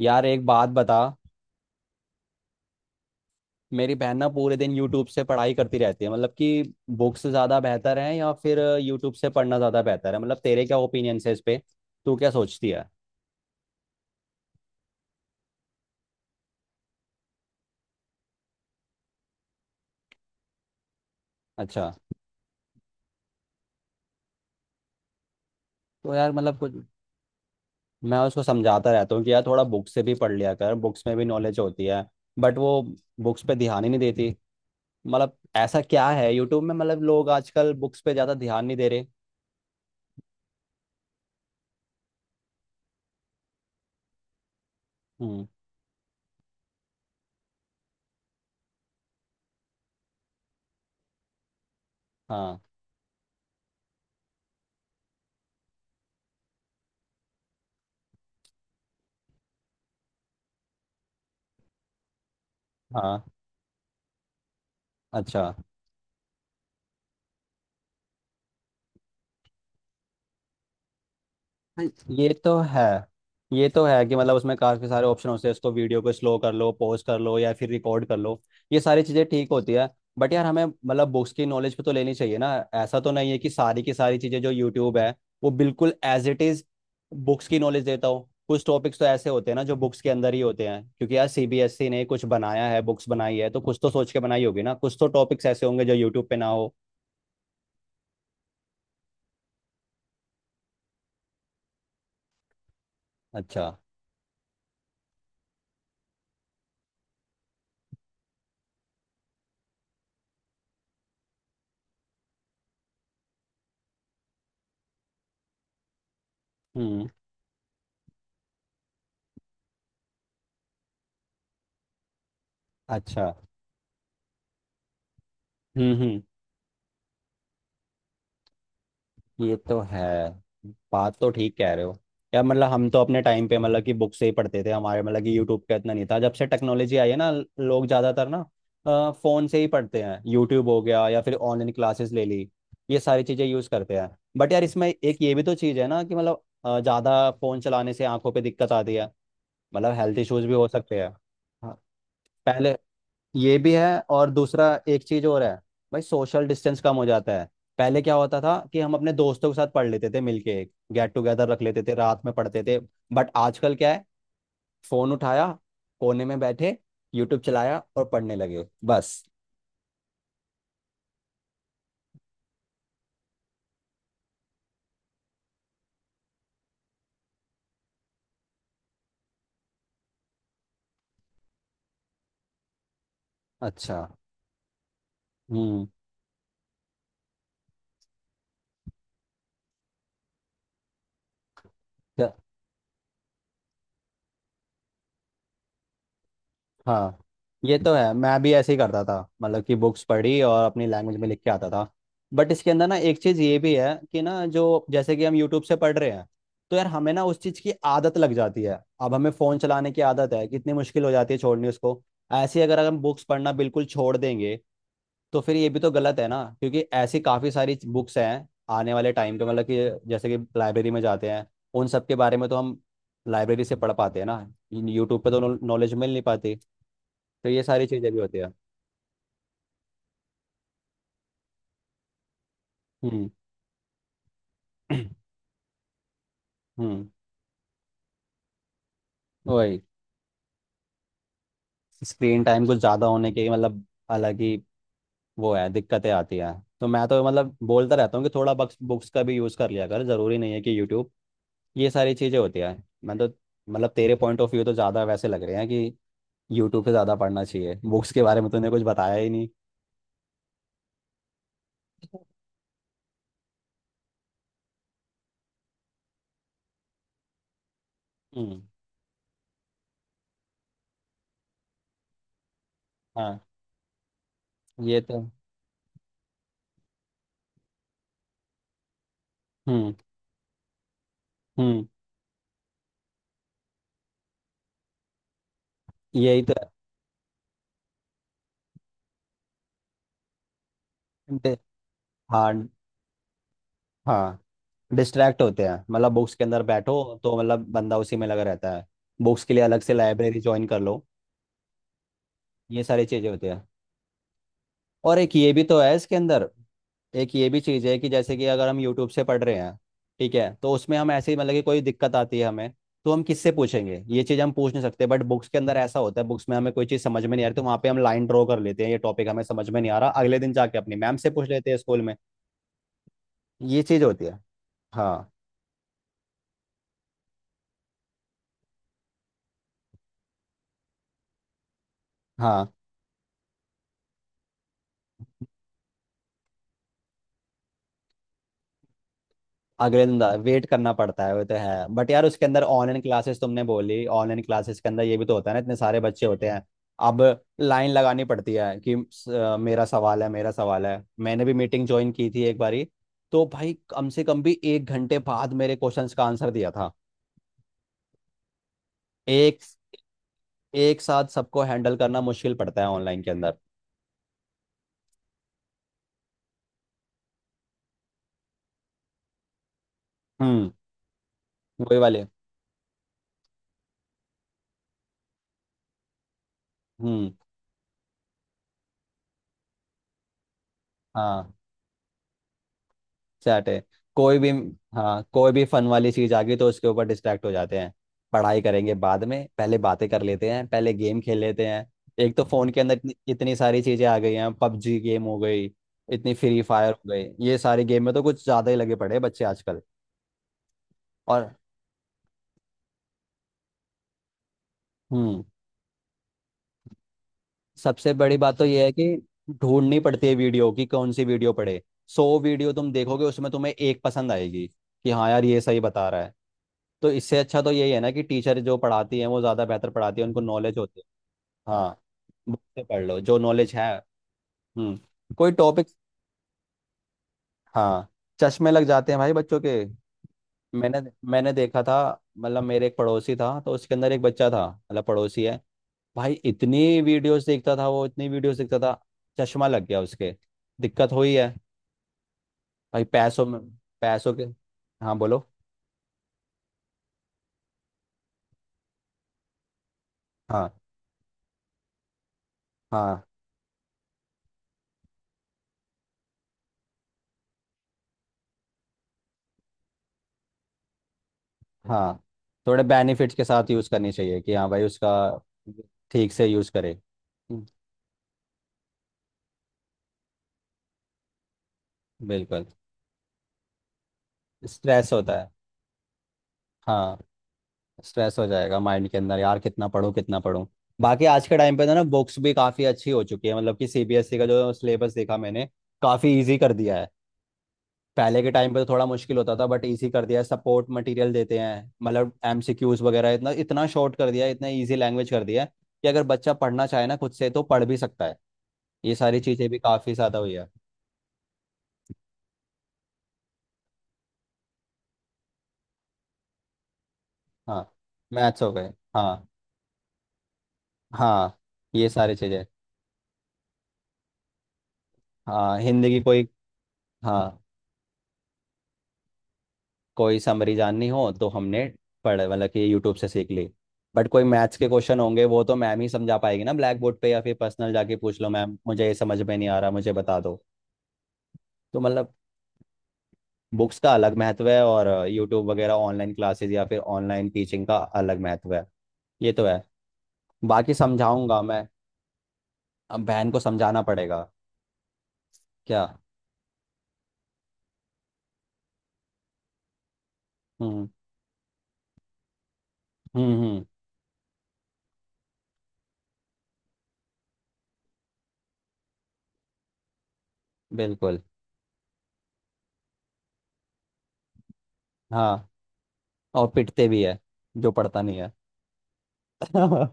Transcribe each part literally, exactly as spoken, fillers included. यार एक बात बता। मेरी बहन ना पूरे दिन यूट्यूब से पढ़ाई करती रहती है। मतलब कि बुक्स ज़्यादा बेहतर है या फिर यूट्यूब से पढ़ना ज़्यादा बेहतर है? मतलब तेरे क्या ओपिनियन है इस पे, तू क्या सोचती है? अच्छा। तो यार मतलब कुछ। मैं उसको समझाता रहता हूँ कि यार थोड़ा बुक से भी पढ़ लिया कर, बुक्स में भी नॉलेज होती है। बट वो बुक्स पे ध्यान ही नहीं देती। मतलब ऐसा क्या है यूट्यूब में? मतलब लोग आजकल बुक्स पे ज़्यादा ध्यान नहीं दे रहे। हम्म। हाँ। हाँ। अच्छा। हाँ, ये तो है। ये तो है कि मतलब उसमें काफी सारे ऑप्शन होते हैं, उसको वीडियो को स्लो कर लो, पॉज कर लो या फिर रिकॉर्ड कर लो। ये सारी चीजें ठीक होती है। बट यार हमें मतलब बुक्स की नॉलेज पे तो लेनी चाहिए ना, ऐसा तो नहीं है कि सारी की सारी चीजें जो यूट्यूब है वो बिल्कुल एज इट इज बुक्स की नॉलेज देता हो। कुछ टॉपिक्स तो ऐसे होते हैं ना जो बुक्स के अंदर ही होते हैं, क्योंकि यार सी बी एस ई ने कुछ बनाया है, बुक्स बनाई है, तो कुछ तो सोच के बनाई होगी ना, कुछ तो टॉपिक्स ऐसे होंगे जो यूट्यूब पे ना हो। अच्छा। हम्म। अच्छा। हम्म। हम्म। ये तो है। बात तो ठीक कह रहे हो। यार मतलब हम तो अपने टाइम पे मतलब कि बुक से ही पढ़ते थे, हमारे मतलब कि यूट्यूब का इतना नहीं था, जब से टेक्नोलॉजी आई है ना लोग ज़्यादातर ना फ़ोन से ही पढ़ते हैं, यूट्यूब हो गया या फिर ऑनलाइन क्लासेस ले ली, ये सारी चीज़ें यूज़ करते हैं। बट यार इसमें एक ये भी तो चीज़ है ना कि मतलब ज़्यादा फ़ोन चलाने से आंखों पे दिक्कत आती है, मतलब हेल्थ इश्यूज भी हो सकते हैं। हाँ। पहले ये भी है और दूसरा एक चीज और है। भाई सोशल डिस्टेंस कम हो जाता है। पहले क्या होता था कि हम अपने दोस्तों के साथ पढ़ लेते थे, मिलके एक गेट टुगेदर रख लेते थे, रात में पढ़ते थे। बट आजकल क्या है? फोन उठाया, कोने में बैठे, यूट्यूब चलाया और पढ़ने लगे बस। अच्छा। हम्म। हाँ। ये तो है। मैं भी ऐसे ही करता था, मतलब कि बुक्स पढ़ी और अपनी लैंग्वेज में लिख के आता था। बट इसके अंदर ना एक चीज़ ये भी है कि ना जो जैसे कि हम यूट्यूब से पढ़ रहे हैं तो यार हमें ना उस चीज़ की आदत लग जाती है, अब हमें फ़ोन चलाने की आदत है, कितनी मुश्किल हो जाती है छोड़नी उसको। ऐसे ही अगर अगर हम बुक्स पढ़ना बिल्कुल छोड़ देंगे तो फिर ये भी तो गलत है ना, क्योंकि ऐसी काफ़ी सारी बुक्स हैं। आने वाले टाइम पे मतलब कि जैसे कि लाइब्रेरी में जाते हैं, उन सब के बारे में तो हम लाइब्रेरी से पढ़ पाते हैं ना, यूट्यूब पे तो नॉलेज मिल नहीं पाती। तो ये सारी चीज़ें भी होती है। हम्म। हम्म। वही। स्क्रीन टाइम कुछ ज़्यादा होने के मतलब अलग ही वो है, दिक्कतें आती हैं। तो मैं तो मतलब बोलता रहता हूँ कि थोड़ा बुक्स बुक्स का भी यूज़ कर लिया कर, ज़रूरी नहीं है कि यूट्यूब। ये सारी चीज़ें होती हैं। मैं तो मतलब तेरे पॉइंट ऑफ व्यू तो ज़्यादा वैसे लग रहे हैं कि यूट्यूब पे ज़्यादा पढ़ना चाहिए, बुक्स के बारे में तूने कुछ बताया ही नहीं। हम्म। हाँ। ये तो। हम्म। हम्म। यही तो है। डि- हाँ। हाँ। डिस्ट्रैक्ट होते हैं, मतलब बुक्स के अंदर बैठो तो मतलब बंदा उसी में लगा रहता है। बुक्स के लिए अलग से लाइब्रेरी ज्वाइन कर लो। ये सारी चीज़ें होती है। और एक ये भी तो है इसके अंदर, एक ये भी चीज़ है कि जैसे कि अगर हम यूट्यूब से पढ़ रहे हैं, ठीक है, तो उसमें हम ऐसे ही मतलब कि कोई दिक्कत आती है हमें तो हम किससे पूछेंगे? ये चीज़ हम पूछ नहीं सकते। बट बुक्स के अंदर ऐसा होता है, बुक्स में हमें कोई चीज़ समझ में नहीं आ रही तो वहाँ पे हम लाइन ड्रॉ कर लेते हैं, ये टॉपिक हमें समझ में नहीं आ रहा, अगले दिन जाके अपनी मैम से पूछ लेते हैं स्कूल में। ये चीज़ होती है। हाँ। हाँ। अगले दिन वेट करना पड़ता है, वो तो है, बट यार उसके अंदर ऑनलाइन क्लासेस तुमने बोली, ऑनलाइन क्लासेस के अंदर ये भी तो होता है ना, इतने सारे बच्चे होते हैं। अब लाइन लगानी पड़ती है कि अ, मेरा सवाल है, मेरा सवाल है। मैंने भी मीटिंग ज्वाइन की थी एक बारी, तो भाई कम से कम भी एक घंटे बाद मेरे क्वेश्चंस का आंसर दिया था। एक एक साथ सबको हैंडल करना मुश्किल पड़ता है ऑनलाइन के अंदर। हम्म। वही वाले। हम्म। हाँ। सेट है। कोई भी। हाँ, कोई भी फन वाली चीज आ गई तो उसके ऊपर डिस्ट्रैक्ट हो जाते हैं। पढ़ाई करेंगे बाद में, पहले बातें कर लेते हैं, पहले गेम खेल लेते हैं। एक तो फोन के अंदर इतनी, इतनी सारी चीजें आ गई हैं, पबजी गेम हो गई, इतनी फ्री फायर हो गई, ये सारे गेम में तो कुछ ज्यादा ही लगे पड़े हैं बच्चे आजकल। और। हम्म। सबसे बड़ी बात तो ये है कि ढूंढनी पड़ती है वीडियो की, कौन सी वीडियो पढ़े। सौ वीडियो तुम देखोगे उसमें तुम्हें एक पसंद आएगी कि हाँ यार ये सही बता रहा है। तो इससे अच्छा तो यही है ना कि टीचर जो पढ़ाती है वो ज़्यादा बेहतर पढ़ाती है, उनको नॉलेज होती है। हाँ। बुक से पढ़ लो जो नॉलेज है। हम्म। कोई टॉपिक। हाँ। चश्मे लग जाते हैं भाई बच्चों के। मैंने मैंने देखा था, मतलब मेरे एक पड़ोसी था तो उसके अंदर एक बच्चा था, मतलब पड़ोसी है भाई, इतनी वीडियोस देखता था वो, इतनी वीडियोस देखता था। चश्मा लग गया उसके, दिक्कत हुई है भाई पैसों में, पैसों के। हाँ बोलो। हाँ। हाँ। हाँ। थोड़े बेनिफिट्स के साथ यूज़ करनी चाहिए कि हाँ भाई उसका ठीक से यूज़ करे। बिल्कुल। स्ट्रेस होता है। हाँ। स्ट्रेस हो जाएगा माइंड के अंदर यार, कितना पढूं कितना पढूं। बाकी आज के टाइम पे तो ना बुक्स भी काफ़ी अच्छी हो चुकी है, मतलब कि सी बी एस ई का जो सिलेबस देखा मैंने, काफ़ी इजी कर दिया है। पहले के टाइम पे तो थोड़ा मुश्किल होता था बट इजी कर दिया है, सपोर्ट मटेरियल देते हैं, मतलब एम सी क्यू ज़ वगैरह, इतना इतना शॉर्ट कर दिया है, इतना इजी लैंग्वेज कर दिया है कि अगर बच्चा पढ़ना चाहे ना खुद से तो पढ़ भी सकता है। ये सारी चीज़ें भी काफ़ी ज़्यादा हुई है। हाँ। मैथ्स हो गए। हाँ। हाँ। ये सारी चीज़ें। हाँ, हिंदी की कोई। हाँ। कोई समरी जाननी हो तो हमने पढ़े, मतलब कि यूट्यूब से सीख ली। बट कोई मैथ्स के क्वेश्चन होंगे वो तो मैम ही समझा पाएगी ना, ब्लैक बोर्ड पे, या फिर पर्सनल जाके पूछ लो, मैम मुझे ये समझ में नहीं आ रहा, मुझे बता दो। तो मतलब बुक्स का अलग महत्व है और यूट्यूब वगैरह ऑनलाइन क्लासेस या फिर ऑनलाइन टीचिंग का अलग महत्व है। ये तो है। बाकी समझाऊंगा मैं। अब बहन को समझाना पड़ेगा। क्या? हम्म। हम्म। हम्म। बिल्कुल। हाँ, और पिटते भी है जो पढ़ता नहीं है।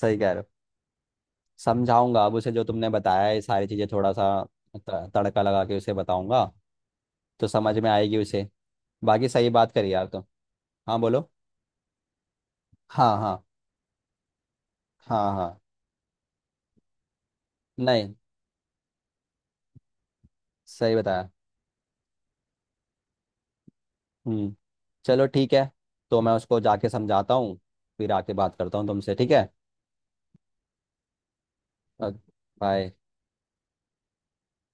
सही कह रहे हो। समझाऊंगा अब उसे, जो तुमने बताया है ये सारी चीजें, थोड़ा सा त- तड़का लगा के उसे बताऊंगा तो समझ में आएगी उसे। बाकी सही बात करी यार तुम। हाँ बोलो। हाँ। हाँ। हाँ। हाँ। नहीं, सही बताया। हम्म। चलो ठीक है। तो मैं उसको जाके समझाता हूँ, फिर आके बात करता हूँ तुमसे, ठीक है, बाय।